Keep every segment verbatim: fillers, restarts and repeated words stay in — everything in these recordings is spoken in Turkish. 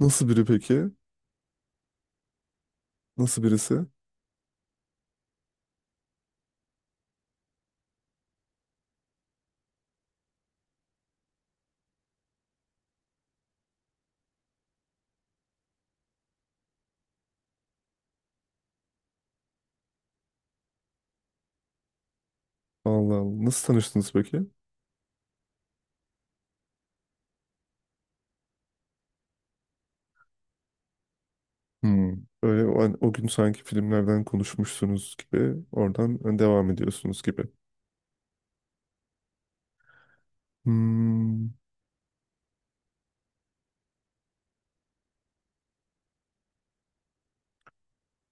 Nasıl biri peki? Nasıl birisi? Allah Allah. Nasıl tanıştınız peki? Hmm. Öyle o, hani o gün sanki filmlerden konuşmuşsunuz gibi oradan hani devam ediyorsunuz gibi. Hmm.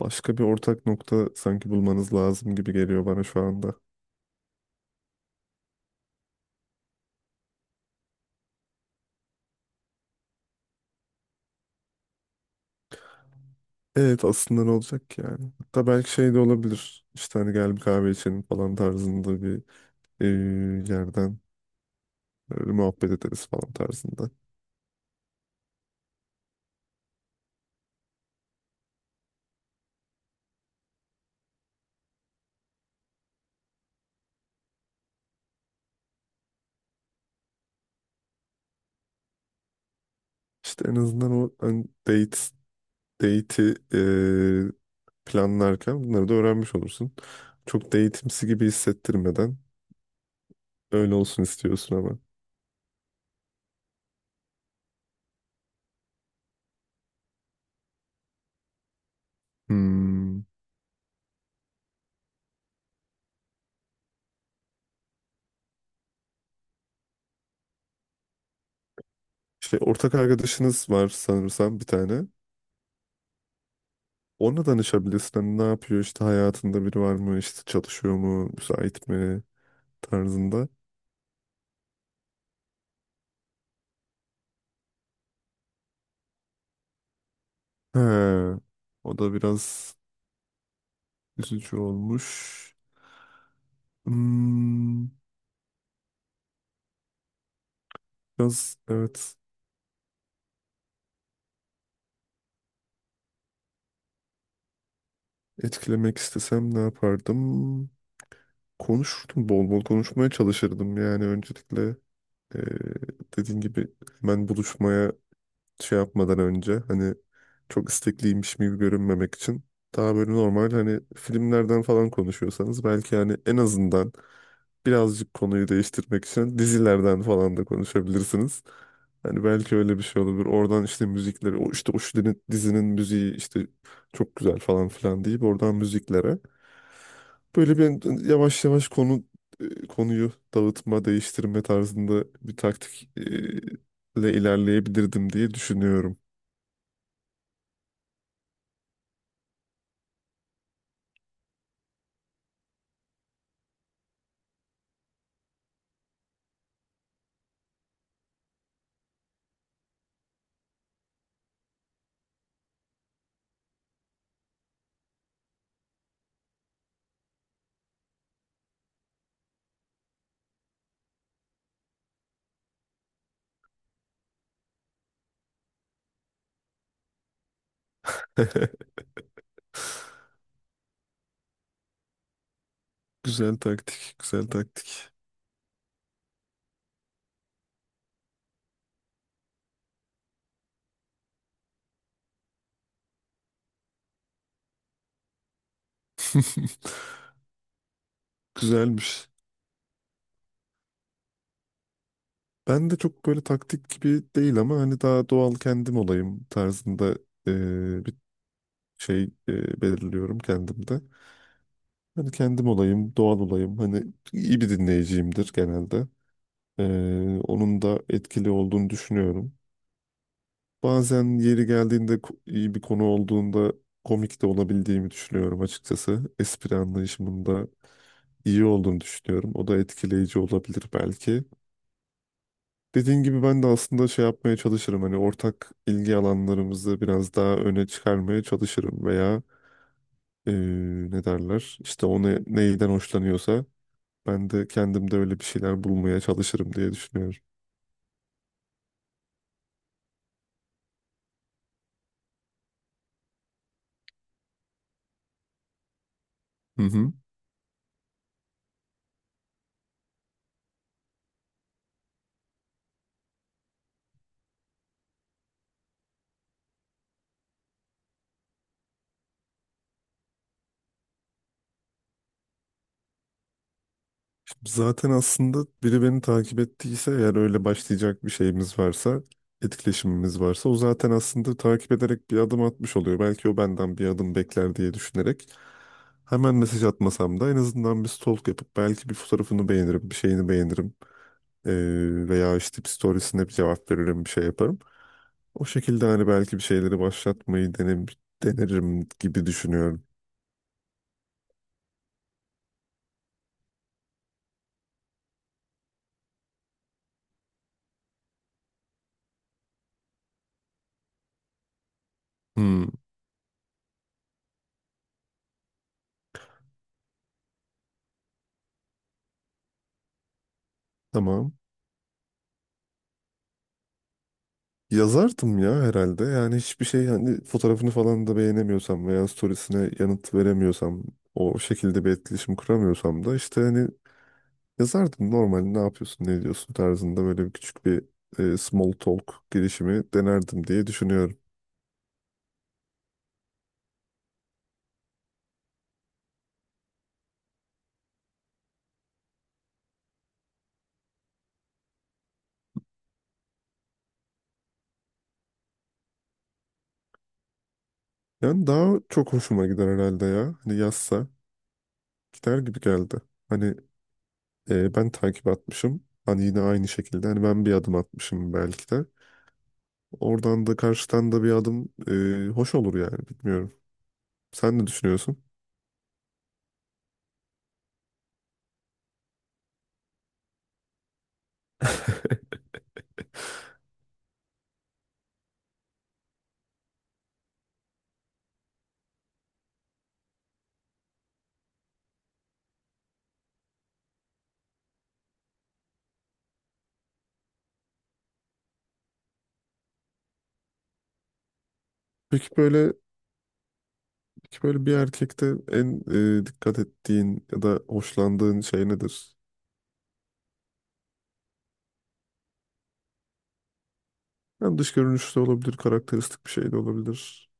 Başka bir ortak nokta sanki bulmanız lazım gibi geliyor bana şu anda. Evet, aslında ne olacak ki yani? Hatta belki şey de olabilir. İşte hani gel bir kahve içelim falan tarzında bir eee, yerden böyle muhabbet ederiz falan tarzında. İşte en azından o hani date date'i eee, planlarken bunları da öğrenmiş olursun. Çok date'imsi gibi hissettirmeden öyle olsun istiyorsun ama. Hmm. İşte ortak arkadaşınız var sanırsam bir tane. Ona danışabilirsin. Hani ne yapıyor, işte hayatında biri var mı, işte çalışıyor mu, müsait mi tarzında. He. O da biraz üzücü olmuş. Hmm. Biraz evet, etkilemek istesem ne yapardım? Konuşurdum, bol bol konuşmaya çalışırdım yani öncelikle e, dediğin gibi hemen buluşmaya şey yapmadan önce hani çok istekliymiş gibi görünmemek için daha böyle normal, hani filmlerden falan konuşuyorsanız belki hani en azından birazcık konuyu değiştirmek için dizilerden falan da konuşabilirsiniz. Hani belki öyle bir şey olabilir. Oradan işte müzikleri, o işte o şu dinin- dizinin müziği işte çok güzel falan filan deyip oradan müziklere. Böyle bir yavaş yavaş konu e, konuyu dağıtma, değiştirme tarzında bir taktik e, ile ilerleyebilirdim diye düşünüyorum. Güzel taktik, güzel taktik. Güzelmiş. Ben de çok böyle taktik gibi değil ama hani daha doğal kendim olayım tarzında e, bir şey e, belirliyorum kendimde. Hani kendim olayım, doğal olayım. Hani iyi bir dinleyiciyimdir genelde. E, onun da etkili olduğunu düşünüyorum. Bazen yeri geldiğinde, ko- iyi bir konu olduğunda komik de olabildiğimi düşünüyorum açıkçası. Espri anlayışımında iyi olduğunu düşünüyorum. O da etkileyici olabilir belki. Dediğin gibi ben de aslında şey yapmaya çalışırım. Hani ortak ilgi alanlarımızı biraz daha öne çıkarmaya çalışırım veya eee, ne derler? İşte o ne- neyden hoşlanıyorsa ben de kendimde öyle bir şeyler bulmaya çalışırım diye düşünüyorum. Hı hı. Zaten aslında biri beni takip ettiyse, eğer öyle başlayacak bir şeyimiz varsa, etkileşimimiz varsa, o zaten aslında takip ederek bir adım atmış oluyor. Belki o benden bir adım bekler diye düşünerek hemen mesaj atmasam da en azından bir stalk yapıp belki bir fotoğrafını beğenirim, bir şeyini beğenirim. Ee, Veya işte bir storiesine bir cevap veririm, bir şey yaparım. O şekilde hani belki bir şeyleri başlatmayı denem denerim gibi düşünüyorum. Hmm, tamam. Yazardım ya herhalde. Yani hiçbir şey, yani fotoğrafını falan da beğenemiyorsam veya storiesine yanıt veremiyorsam, o şekilde bir etkileşim kuramıyorsam da işte hani yazardım, normal ne yapıyorsun ne ediyorsun tarzında, böyle bir küçük bir e, small talk girişimi denerdim diye düşünüyorum. Yani daha çok hoşuma gider herhalde ya. Hani yazsa gider gibi geldi. Hani e, ben takip atmışım. Hani yine aynı şekilde hani ben bir adım atmışım belki de. Oradan da karşıdan da bir adım e, hoş olur yani, bilmiyorum. Sen ne düşünüyorsun? Peki böyle peki böyle bir erkekte en e, dikkat ettiğin ya da hoşlandığın şey nedir? Hem dış görünüşü de olabilir, karakteristik bir şey de olabilir.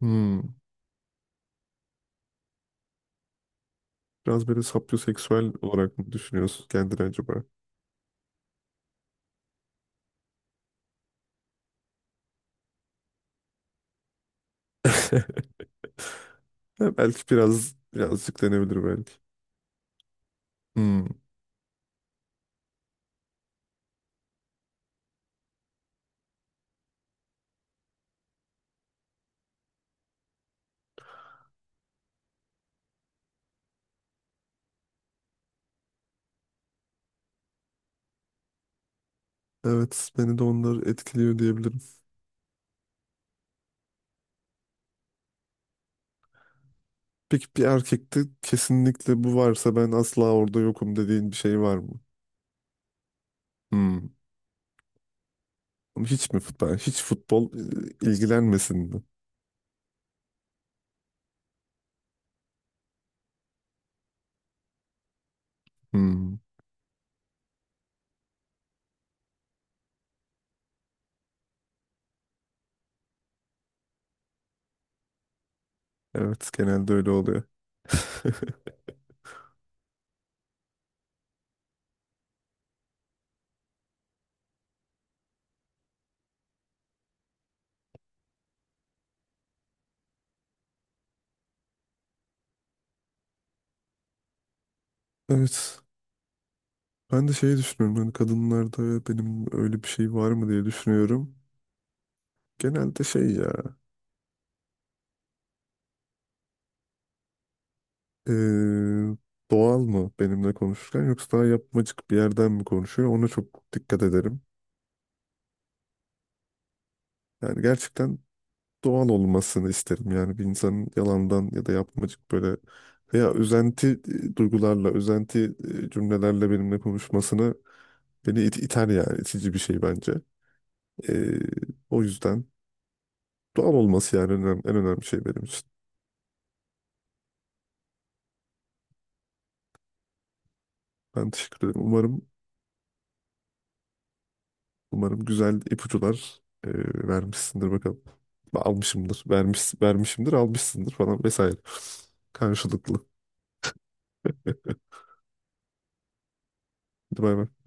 Hmm. Biraz böyle sapyoseksüel olarak mı düşünüyorsun kendini acaba? Ya belki biraz, birazcık denebilir belki. Hmm. Evet, beni de onlar etkiliyor diyebilirim. Peki bir erkekte kesinlikle bu varsa ben asla orada yokum dediğin bir şey var mı? Hmm. Hiç mi futbol? Hiç futbol e, ilgilenmesin mi? Hmm. Evet, genelde öyle oluyor. Evet. Ben de şeyi düşünüyorum. Hani kadınlarda benim öyle bir şey var mı diye düşünüyorum. Genelde şey ya. e, Doğal mı benimle konuşurken, yoksa daha yapmacık bir yerden mi konuşuyor? Ona çok dikkat ederim. Yani gerçekten doğal olmasını isterim. Yani bir insanın yalandan ya da yapmacık böyle veya üzenti e, duygularla, üzenti e, cümlelerle benimle konuşmasını, beni it iter yani. İtici bir şey bence. Ee, O yüzden doğal olması yani önem- en önemli şey benim için. Ben teşekkür ederim. Umarım umarım güzel ipuçlar e, vermişsindir bakalım. Almışımdır. Vermiş, vermişimdir, almışsındır falan vesaire. Karşılıklı. Hadi bay bay.